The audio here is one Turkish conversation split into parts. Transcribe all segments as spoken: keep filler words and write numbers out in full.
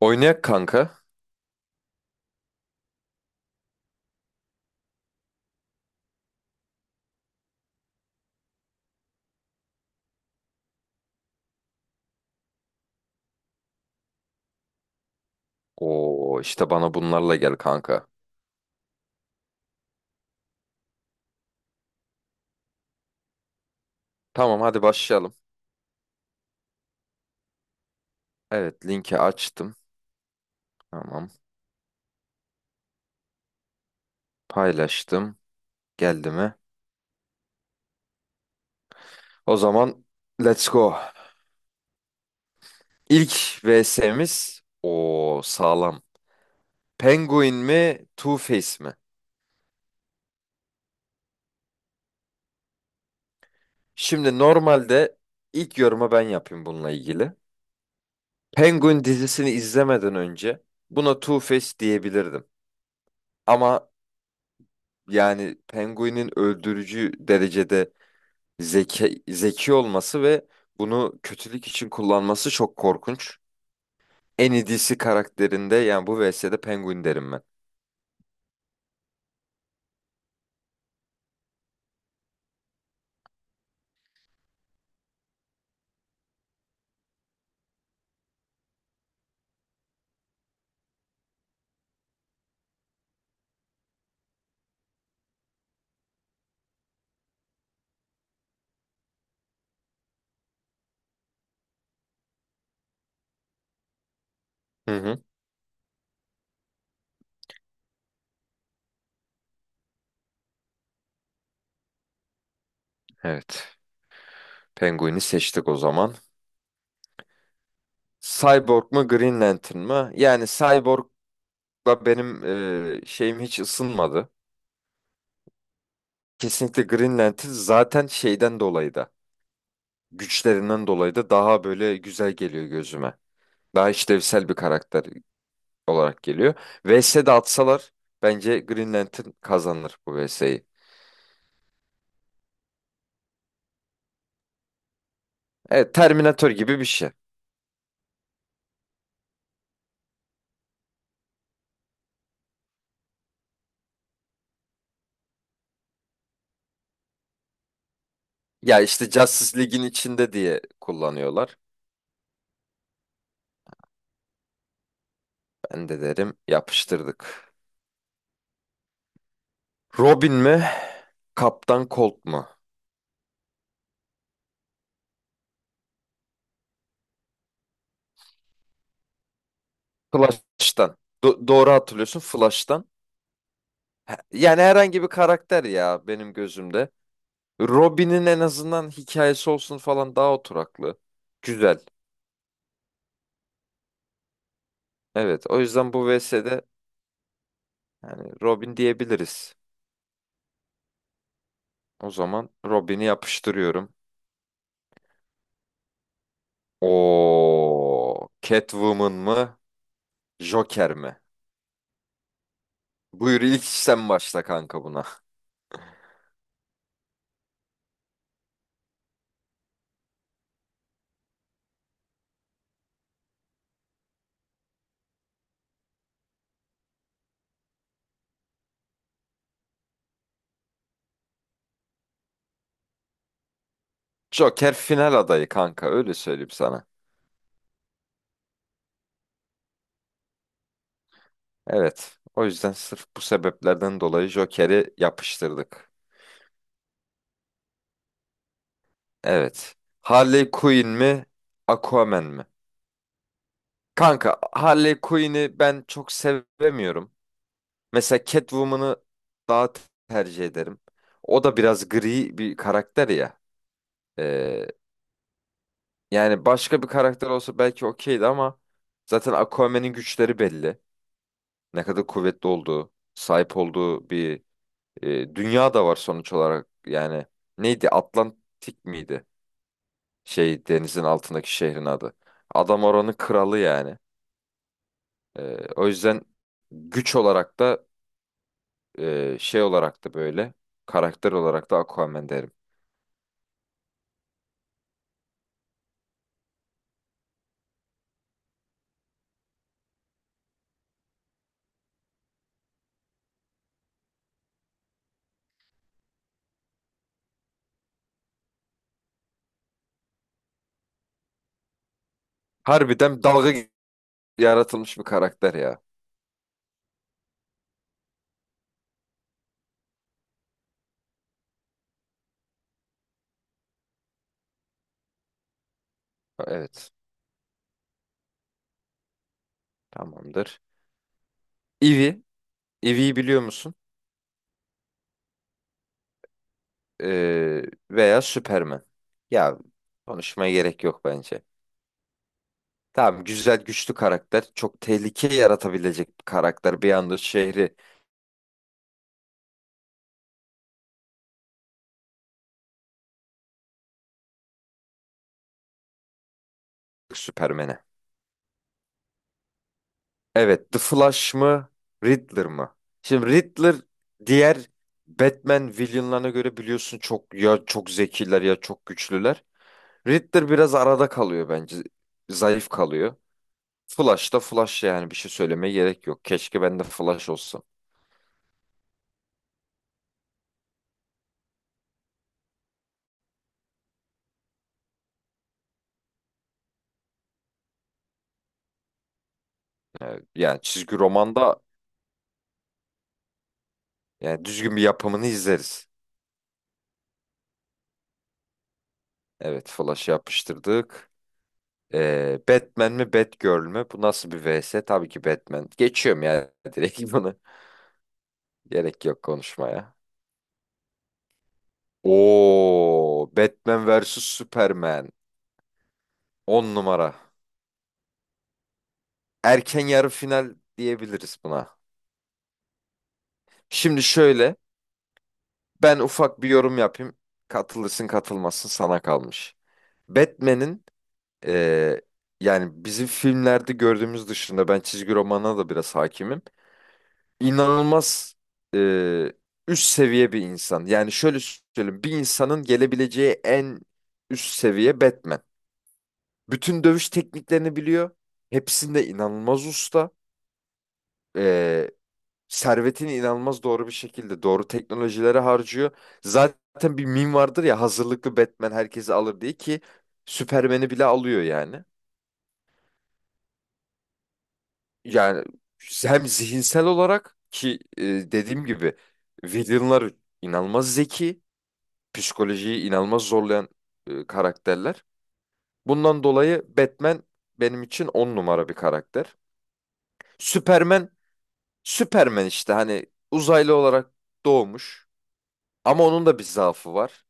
Oynayak kanka. Oo işte bana bunlarla gel kanka. Tamam hadi başlayalım. Evet linki açtım. Tamam paylaştım. Geldi mi? O zaman let's go. İlk V S'miz o sağlam. Penguin mi Two-Face mi? Şimdi normalde ilk yoruma ben yapayım bununla ilgili. Penguin dizisini izlemeden önce buna Two-Face diyebilirdim. Ama yani Penguin'in öldürücü derecede zeki, zeki olması ve bunu kötülük için kullanması çok korkunç. En iyi karakterinde yani bu V S'de Penguin derim ben. Hı hı. Evet. Penguin'i seçtik o zaman. Cyborg mu Green Lantern mı? Yani Cyborg'la benim e, şeyim hiç ısınmadı. Kesinlikle Green Lantern zaten şeyden dolayı da güçlerinden dolayı da daha böyle güzel geliyor gözüme. Daha işlevsel bir karakter. olarak geliyor. V S'de atsalar bence Green Lantern kazanır bu V S'yi. Evet, Terminator gibi bir şey. Ya işte Justice League'in içinde diye kullanıyorlar. Ben de derim yapıştırdık. Robin mi? Kaptan Colt mu? Flash'tan. Do- doğru hatırlıyorsun Flash'tan. He- Yani herhangi bir karakter ya benim gözümde. Robin'in en azından hikayesi olsun falan daha oturaklı. Güzel. Evet o yüzden bu V S'de yani Robin diyebiliriz. O zaman Robin'i yapıştırıyorum. O Catwoman mı? Joker mi? Buyur ilk sen başla kanka buna. Joker final adayı kanka öyle söyleyeyim sana. Evet. O yüzden sırf bu sebeplerden dolayı Joker'i yapıştırdık. Evet. Harley Quinn mi? Aquaman mi? Kanka Harley Quinn'i ben çok sevemiyorum. Mesela Catwoman'ı daha tercih ederim. O da biraz gri bir karakter ya. Ee, Yani başka bir karakter olsa belki okeydi ama zaten Aquaman'in güçleri belli. Ne kadar kuvvetli olduğu, sahip olduğu bir e, dünya da var sonuç olarak. Yani neydi? Atlantik miydi? Şey denizin altındaki şehrin adı. Adam oranın kralı yani. E, O yüzden güç olarak da e, şey olarak da böyle karakter olarak da Aquaman derim. Harbiden dalga yaratılmış bir karakter ya. Evet. Tamamdır. Ivy. Ivy'yi biliyor musun? Ee, Veya Superman. Ya konuşmaya gerek yok bence. Tamam güzel güçlü karakter. Çok tehlike yaratabilecek bir karakter. Bir anda şehri Superman'e. Evet, The Flash mı Riddler mı? Şimdi Riddler diğer Batman villainlarına göre biliyorsun çok ya çok zekiler ya çok güçlüler. Riddler biraz arada kalıyor bence. Zayıf kalıyor. Flash da Flash yani bir şey söylemeye gerek yok. Keşke ben de Flash olsam. Ee, Yani çizgi romanda yani düzgün bir yapımını izleriz. Evet, Flash'ı yapıştırdık. Ee, Batman mi Batgirl mü? Bu nasıl bir vs? Tabii ki Batman. Geçiyorum ya direkt bunu. Gerek yok konuşmaya. Oo, Batman vs Superman, on numara. Erken yarı final diyebiliriz buna. Şimdi şöyle, ben ufak bir yorum yapayım. Katılırsın katılmazsın sana kalmış. Batman'in ee, yani bizim filmlerde gördüğümüz dışında ben çizgi romana da biraz hakimim. İnanılmaz e, üst seviye bir insan. Yani şöyle söyleyeyim, bir insanın gelebileceği en üst seviye Batman. Bütün dövüş tekniklerini biliyor. Hepsinde inanılmaz usta. E, Servetini inanılmaz doğru bir şekilde, doğru teknolojilere harcıyor. Zaten bir meme vardır ya, hazırlıklı Batman herkesi alır diye ki Superman'i bile alıyor yani. Yani hem zihinsel olarak ki e, dediğim gibi villainlar inanılmaz zeki. Psikolojiyi inanılmaz zorlayan e, karakterler. Bundan dolayı Batman benim için on numara bir karakter. Superman, Superman işte hani uzaylı olarak doğmuş ama onun da bir zaafı var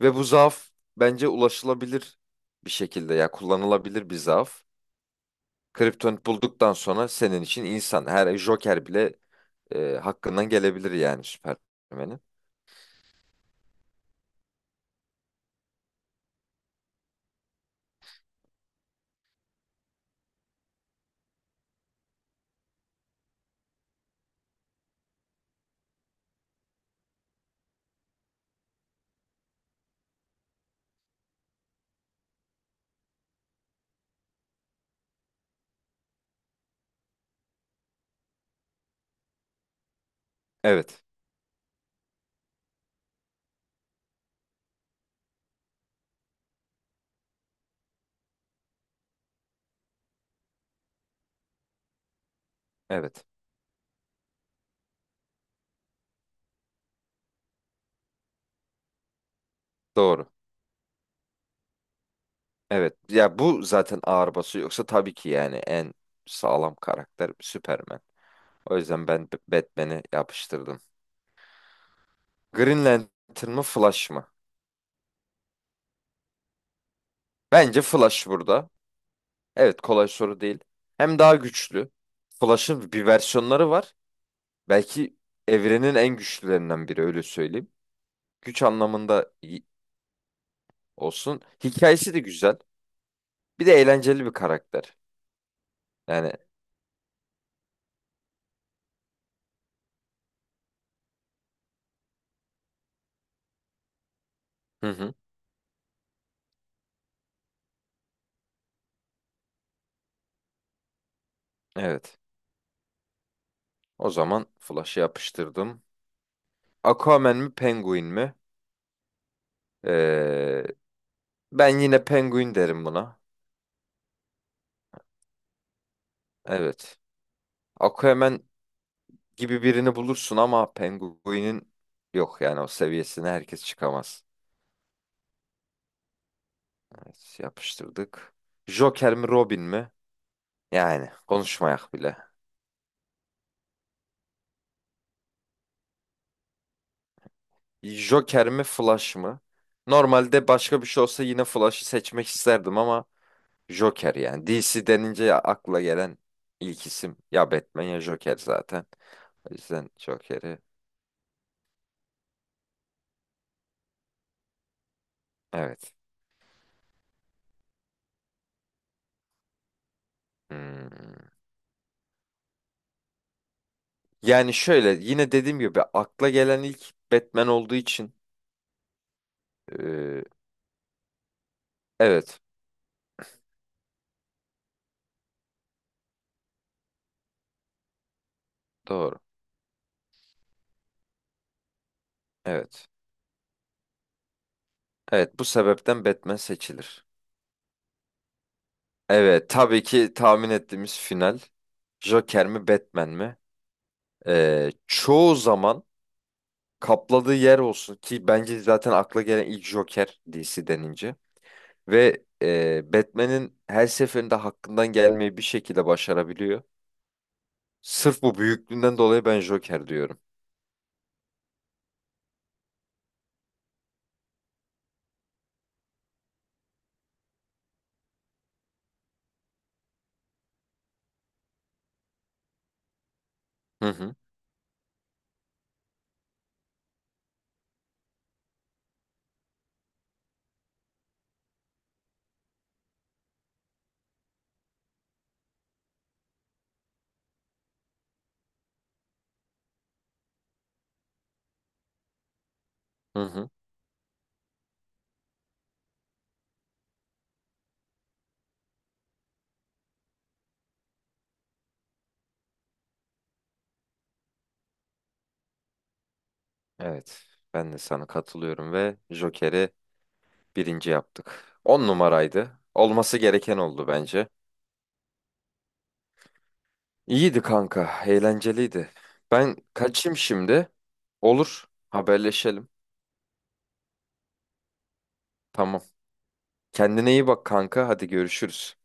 ve bu zaaf bence ulaşılabilir bir şekilde ya kullanılabilir bir zaaf. Kriptonit bulduktan sonra senin için insan her Joker bile e, hakkından gelebilir yani Superman'in. Evet, evet. Doğru. Evet. Ya bu zaten ağır basıyor. Yoksa tabii ki yani en sağlam karakter Superman. O yüzden ben B- Batman'i yapıştırdım. Green Lantern mı Flash mı? Bence Flash burada. Evet kolay soru değil. Hem daha güçlü. Flash'ın bir versiyonları var. Belki evrenin en güçlülerinden biri öyle söyleyeyim. Güç anlamında iyi olsun. Hikayesi de güzel. Bir de eğlenceli bir karakter. Yani hı hı, evet. O zaman Flash'ı yapıştırdım. Aquaman mi Penguin mi? Ee, Ben yine penguin derim buna. Evet. Aquaman gibi birini bulursun ama penguinin yok yani o seviyesine herkes çıkamaz. Evet, yapıştırdık. Joker mi Robin mi? Yani konuşmayak bile. Joker mi Flash mı? Normalde başka bir şey olsa yine Flash'ı seçmek isterdim ama Joker yani. D C denince ya- akla gelen ilk isim ya Batman ya Joker zaten. O yüzden Joker'i evet. Hmm. Yani şöyle yine dediğim gibi akla gelen ilk Batman olduğu için eee, evet doğru. Evet. Evet bu sebepten Batman seçilir. Evet tabii ki tahmin ettiğimiz final Joker mi Batman mi? Eee, çoğu zaman kapladığı yer olsun ki bence zaten akla gelen ilk Joker D C denince ve eee, Batman'in her seferinde hakkından gelmeyi bir şekilde başarabiliyor. Sırf bu büyüklüğünden dolayı ben Joker diyorum. Hı hı. Hı hı. Evet, ben de sana katılıyorum ve Joker'i birinci yaptık. On numaraydı. Olması gereken oldu bence. İyiydi kanka, eğlenceliydi. Ben kaçayım şimdi. Olur, haberleşelim. Tamam. Kendine iyi bak kanka, hadi görüşürüz.